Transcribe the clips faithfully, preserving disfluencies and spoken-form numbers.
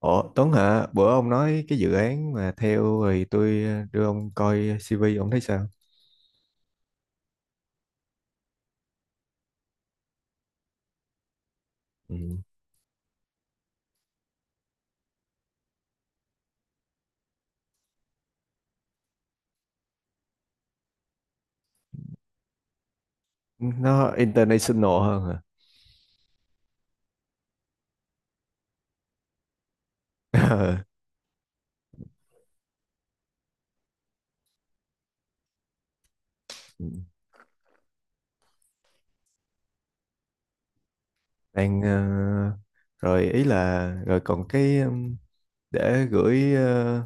Ủa Tuấn hả? Bữa ông nói cái dự án mà theo thì tôi ờ, đưa ông coi xê vê ông thấy sao? Ừ. Nó international hơn hả? Ừ. Đang ờ, rồi ý là rồi còn cái um, để gửi ờ,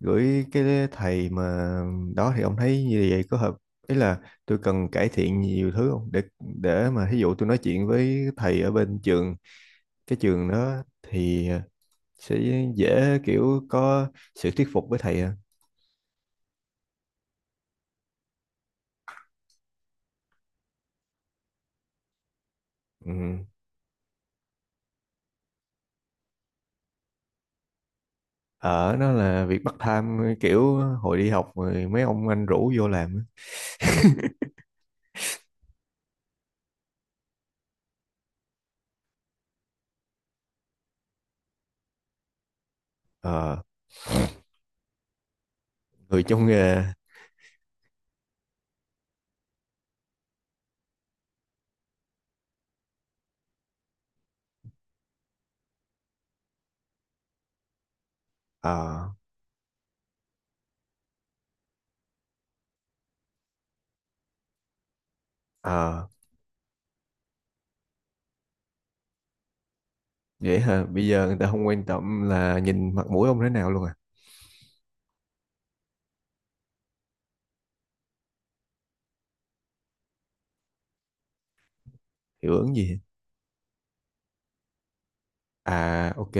gửi cái thầy mà đó thì ông thấy như vậy có hợp ý là tôi cần cải thiện nhiều thứ không để để mà ví dụ tôi nói chuyện với thầy ở bên trường cái trường đó thì sẽ dễ kiểu có sự thuyết phục với thầy. Ừ. Ở nó là việc part time kiểu hồi đi học rồi mấy ông anh rủ vô làm á. Ờ, người trong nghề. Ờ ờ vậy hả bây giờ người ta không quan tâm là nhìn mặt mũi ông thế nào luôn à, hiệu ứng gì hả? À, ok.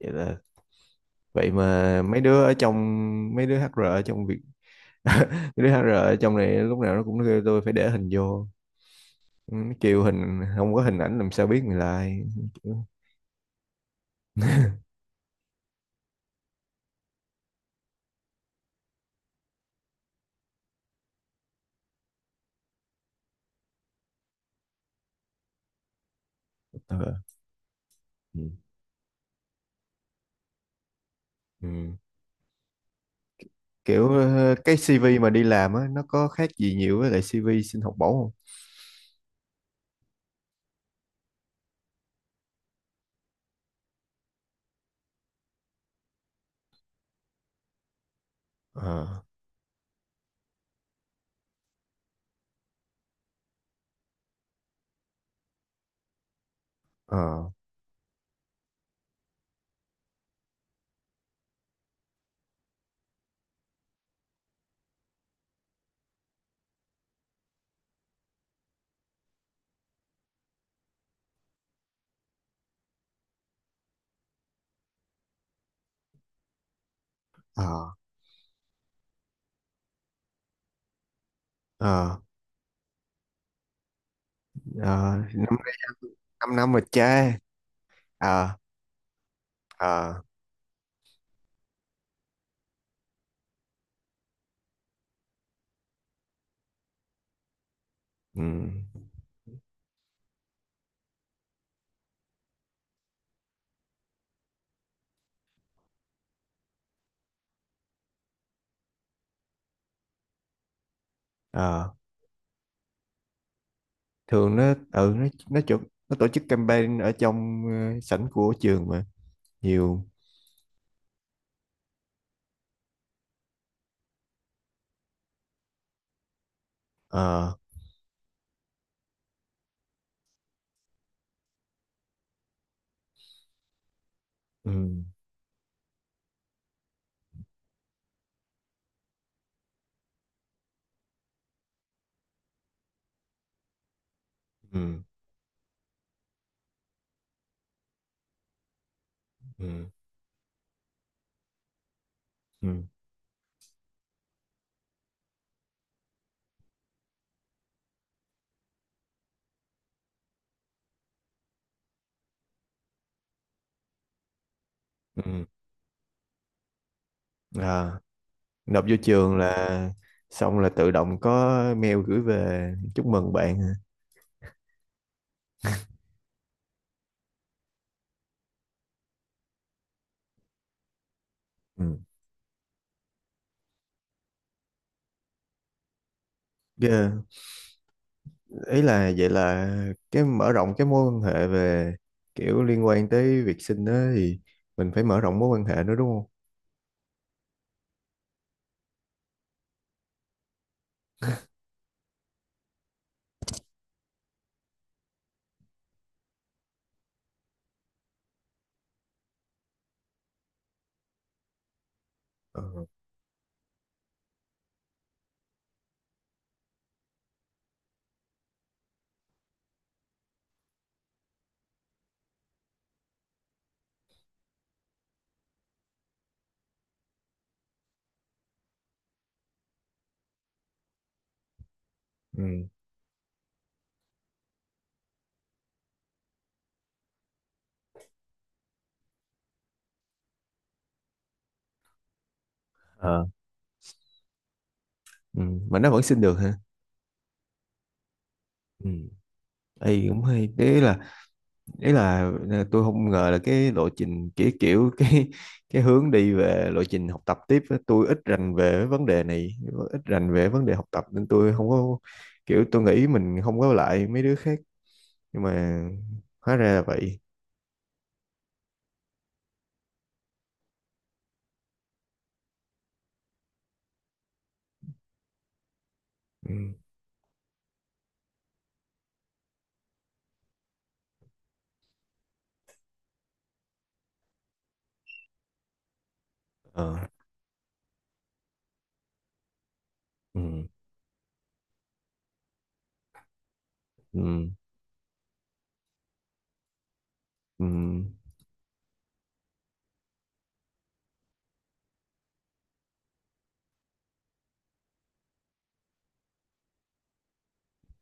Vậy là vậy mà mấy đứa ở trong mấy đứa hát e rờ ở trong việc mấy đứa hát HR ở trong này lúc nào nó cũng kêu tôi phải để hình vô. Ừ, nó kêu hình không có hình ảnh làm sao biết người là ai. Kiểu, ờ, ừ. Ừ. Kiểu ờ, cái xê vê mà đi làm á nó có khác gì nhiều với lại xê vê xin học bổng không? Ờ ờ ờ ờ ờ, năm nay năm năm rồi cha. Ờ. Ờ. Ừ. Ờ. Thường nó ừ nó nó chụp nó tổ chức campaign ở trong ờ, sảnh của trường mà nhiều. Ờ. Ừ. Ừ. Ừ. Ừ. Ừ. ờ nộp vô trường là xong là tự động có mail gửi về chúc mừng bạn. Ừ, ý là vậy là cái mở rộng cái mối quan hệ về kiểu liên quan tới việc sinh đó thì mình phải mở rộng mối quan hệ nữa đúng không? Ờ, ừ. Ờ. Ừ. Mà nó vẫn sinh được hả? Ừ. Ê, cũng hay đấy là đấy là là tôi không ngờ là cái lộ trình kiểu kiểu cái cái hướng đi về lộ trình học tập tiếp á, tôi ít rành về vấn đề này, ít rành về vấn đề học tập nên tôi không có kiểu tôi nghĩ mình không có lại mấy đứa khác, nhưng mà hóa ra là vậy. Ừ. Ờ. Ừ. Ừ. Ừ.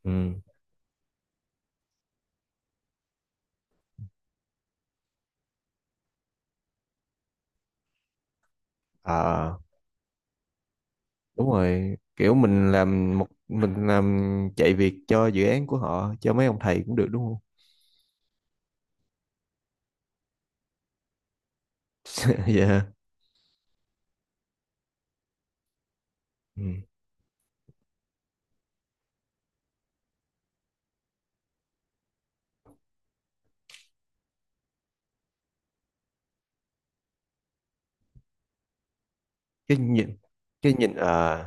Ừ. À, đúng rồi kiểu mình làm một mình làm chạy việc cho dự án của họ cho mấy ông thầy cũng được đúng không? Dạ. Ừ. Cái nhìn, cái nhìn à,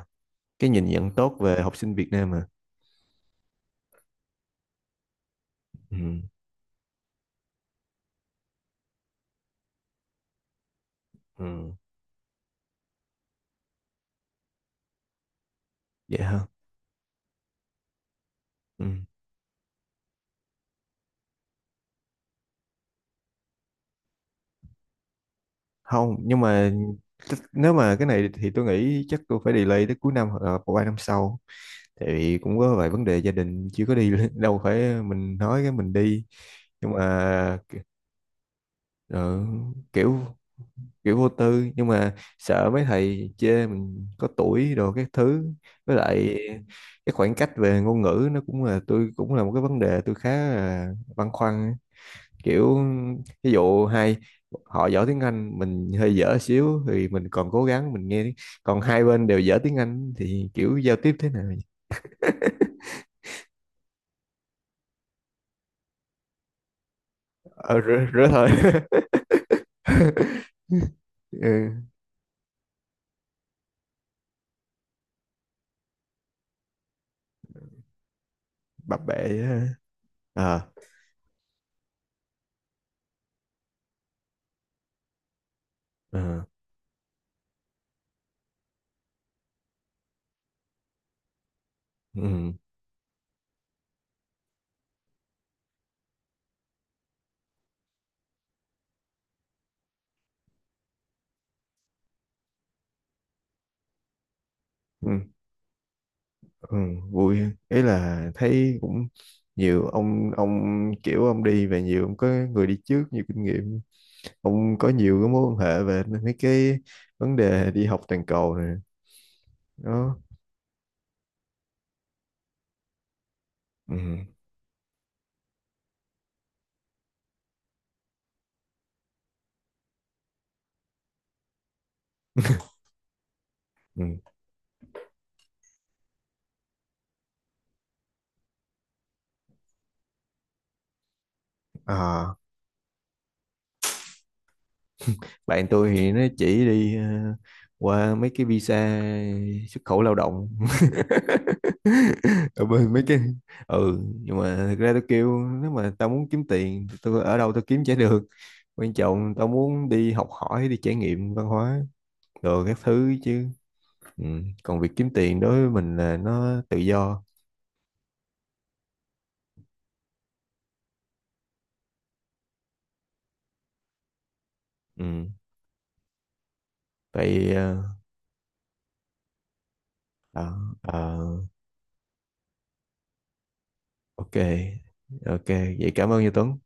cái nhìn nhận tốt về học sinh Việt Nam à. Ừ. Ừ. Vậy hả. Ừ. Không nhưng mà chắc- nếu mà cái này thì tôi nghĩ chắc tôi phải delay tới cuối năm hoặc là ba năm sau, tại vì cũng có vài vấn đề gia đình chưa có đi đâu phải mình nói cái mình đi. Nhưng mà ờ, kiểu kiểu vô tư nhưng mà sợ mấy thầy chê mình có tuổi đồ các thứ. Với lại cái khoảng cách về ngôn ngữ nó cũng là tôi cũng là một cái vấn đề tôi khá là băn khoăn. Kiểu ví dụ hai họ giỏi tiếng Anh mình hơi dở xíu thì mình còn cố gắng mình nghe, còn hai bên đều dở tiếng Anh thì kiểu giao tiếp thế nào. Ờ, rứa, rứa thôi. Ừ, bập bẹ vậy á. Ờ. Ờ. Ừ. Ừ. Ừ, vui ha. Ý là thấy cũng nhiều ông ông kiểu ông đi về nhiều ông có người đi trước nhiều kinh nghiệm, ông có nhiều cái mối quan hệ về mấy cái vấn đề đi học toàn cầu này đó. Ừ. Ừ. À, bạn tôi thì nó chỉ đi ờ, qua mấy cái visa xuất khẩu lao động ở bên mấy cái. Ừ nhưng mà thực ra tôi kêu nếu mà tao muốn kiếm tiền thì tôi ở đâu tôi kiếm chả được, quan trọng tao muốn đi học hỏi đi trải nghiệm văn hóa rồi các thứ chứ. Ừ. Còn việc kiếm tiền đối với mình là nó tự do. Ừ. Vậy ờ, ờ, ờ, ok, ok. Vậy cảm ơn như Tuấn.